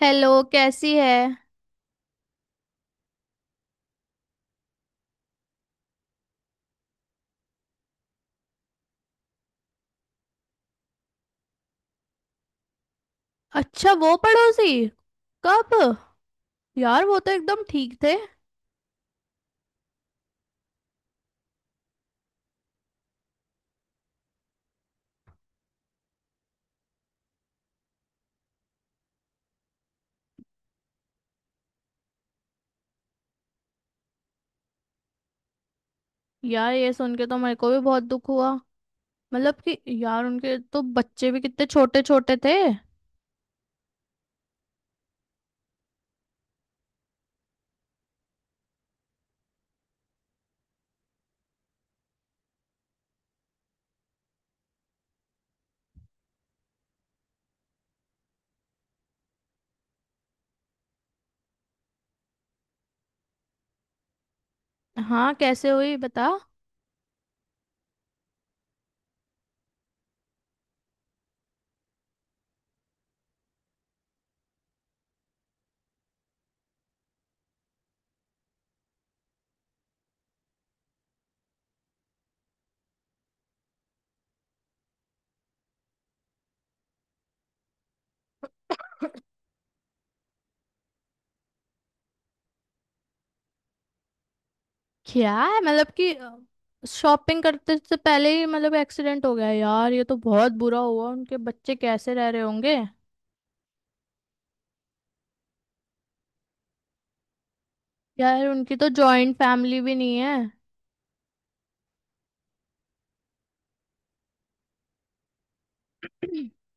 Hello, कैसी है। अच्छा, वो पड़ोसी? कब? यार वो तो एकदम ठीक थे। यार ये सुन के तो मेरे को भी बहुत दुख हुआ। मतलब कि यार उनके तो बच्चे भी कितने छोटे छोटे थे। हाँ कैसे हुई बता। क्या है, मतलब कि शॉपिंग करते से पहले ही, मतलब एक्सीडेंट हो गया। यार ये तो बहुत बुरा हुआ। उनके बच्चे कैसे रह रहे होंगे। यार उनकी तो जॉइंट फैमिली भी नहीं है।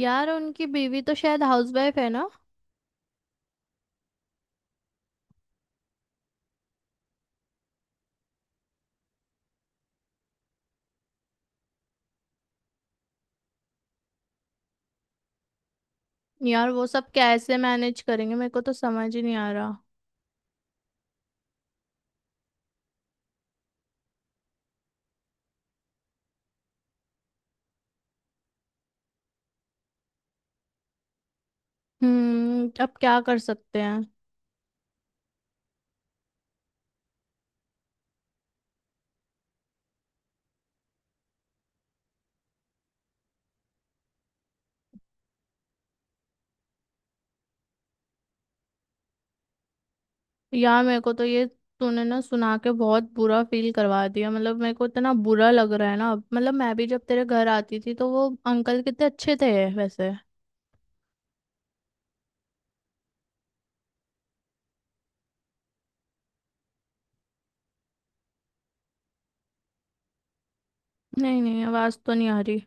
यार उनकी बीवी तो शायद हाउसवाइफ है ना। यार वो सब कैसे मैनेज करेंगे, मेरे को तो समझ ही नहीं आ रहा। हम्म, अब क्या कर सकते हैं। यार मेरे को तो ये, तूने ना सुना के बहुत बुरा फील करवा दिया। मतलब मेरे को इतना बुरा लग रहा है ना अब। मतलब मैं भी जब तेरे घर आती थी तो वो अंकल कितने अच्छे थे वैसे। नहीं नहीं, आवाज तो नहीं आ रही।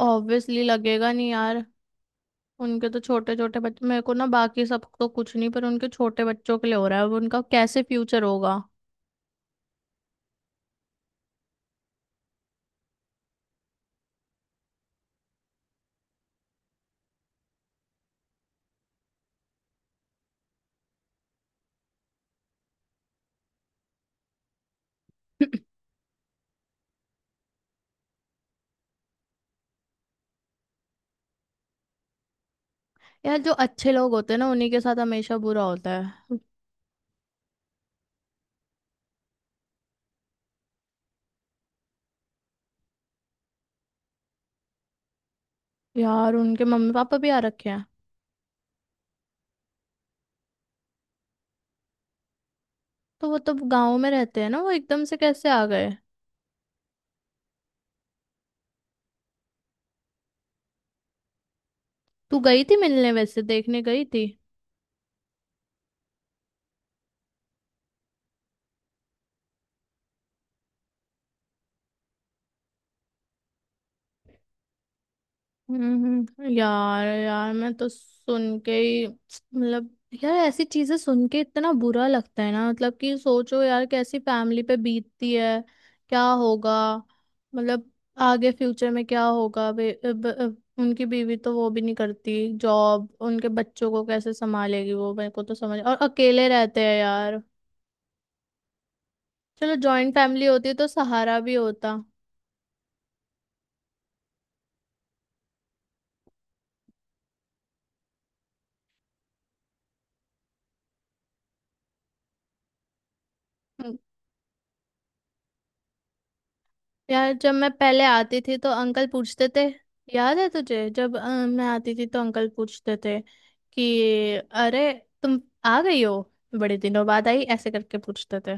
ऑब्वियसली लगेगा नहीं यार। उनके तो छोटे छोटे बच्चे, मेरे को ना बाकी सब तो कुछ नहीं पर उनके छोटे बच्चों के लिए हो रहा है। अब उनका कैसे फ्यूचर होगा। यार जो अच्छे लोग होते हैं ना, उन्हीं के साथ हमेशा बुरा होता है। यार उनके मम्मी पापा भी आ रखे हैं। तो वो तो गाँव में रहते हैं ना, वो एकदम से कैसे आ गए। तू गई थी मिलने? वैसे देखने गई थी? हम्म, यार, यार मैं तो सुन के ही, मतलब यार ऐसी चीजें सुन के इतना बुरा लगता है ना। मतलब कि सोचो यार कैसी फैमिली पे बीतती है। क्या होगा, मतलब आगे फ्यूचर में क्या होगा। उनकी बीवी तो वो भी नहीं करती जॉब, उनके बच्चों को कैसे संभालेगी वो। मेरे को तो समझ, और अकेले रहते हैं यार। चलो, जॉइंट फैमिली होती तो सहारा भी होता। हम्म। यार जब मैं पहले आती थी तो अंकल पूछते थे। याद है तुझे, जब मैं आती थी तो अंकल पूछते थे कि अरे तुम आ गई हो, बड़े दिनों बाद आई, ऐसे करके पूछते थे।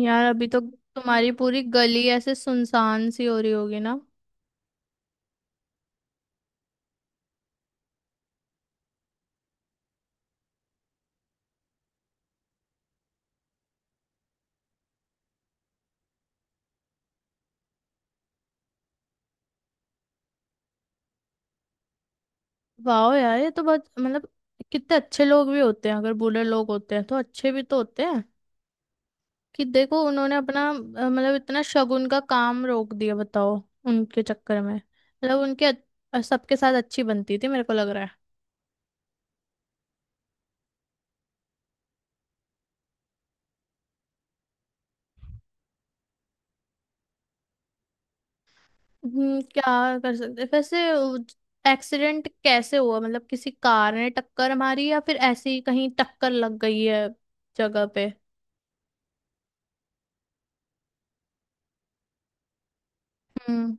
यार अभी तो तुम्हारी पूरी गली ऐसे सुनसान सी हो रही होगी ना। वाह यार, ये तो बहुत, मतलब कितने अच्छे लोग भी होते हैं। अगर बुरे लोग होते हैं तो अच्छे भी तो होते हैं। कि देखो उन्होंने अपना मतलब इतना शगुन का काम रोक दिया, बताओ। उनके चक्कर में, मतलब सबके साथ अच्छी बनती थी, मेरे को लग रहा है। क्या कर सकते वैसे। एक्सीडेंट कैसे हुआ, मतलब किसी कार ने टक्कर मारी या फिर ऐसे ही कहीं टक्कर लग गई है जगह पे। हम्म।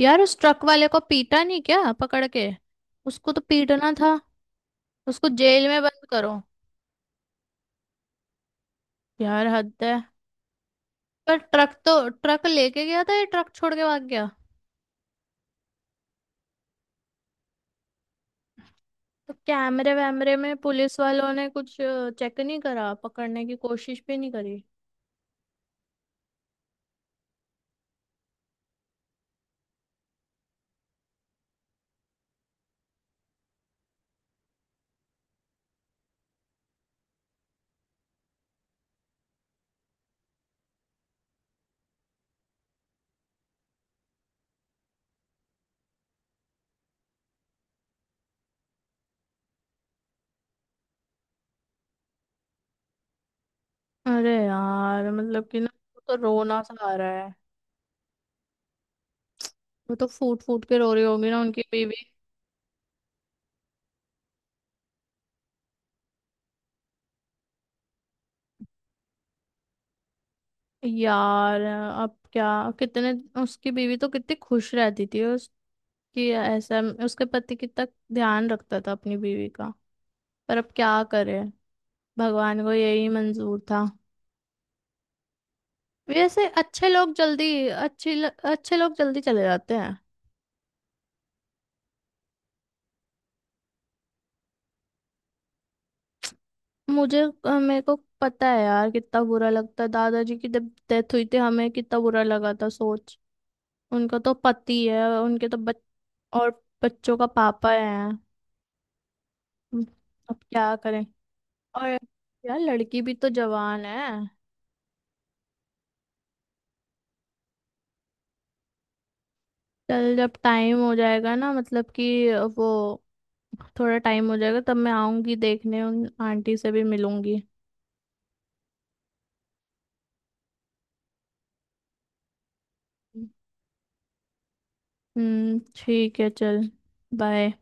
यार उस ट्रक वाले को पीटा नहीं क्या पकड़ के। उसको तो पीटना था। उसको जेल में बंद करो। यार हद है। पर ट्रक तो ट्रक लेके गया था या ट्रक छोड़ के भाग गया? तो कैमरे वैमरे में पुलिस वालों ने कुछ चेक नहीं करा, पकड़ने की कोशिश भी नहीं करी? अरे यार, मतलब कि ना वो तो रोना सा आ रहा है। वो तो फूट फूट के रो रही होगी ना उनकी बीवी। यार अब क्या, कितने, उसकी बीवी तो कितनी खुश रहती थी उसकी, ऐसा, उसके पति कितना ध्यान रखता था अपनी बीवी का। पर अब क्या करे, भगवान को यही मंजूर था। वैसे अच्छे लोग जल्दी, अच्छे अच्छे लोग जल्दी चले जाते हैं। मेरे को पता है यार कितना बुरा लगता है। दादाजी की जब डेथ हुई थी, हमें कितना बुरा लगा था, सोच। उनका तो पति है, उनके तो बच, और बच्चों का पापा है। हम्म, अब क्या करें। और यार लड़की भी तो जवान है। चल, जब टाइम हो जाएगा ना, मतलब कि वो थोड़ा टाइम हो जाएगा तब मैं आऊंगी देखने, उन आंटी से भी मिलूंगी। हम्म, ठीक है, चल, बाय।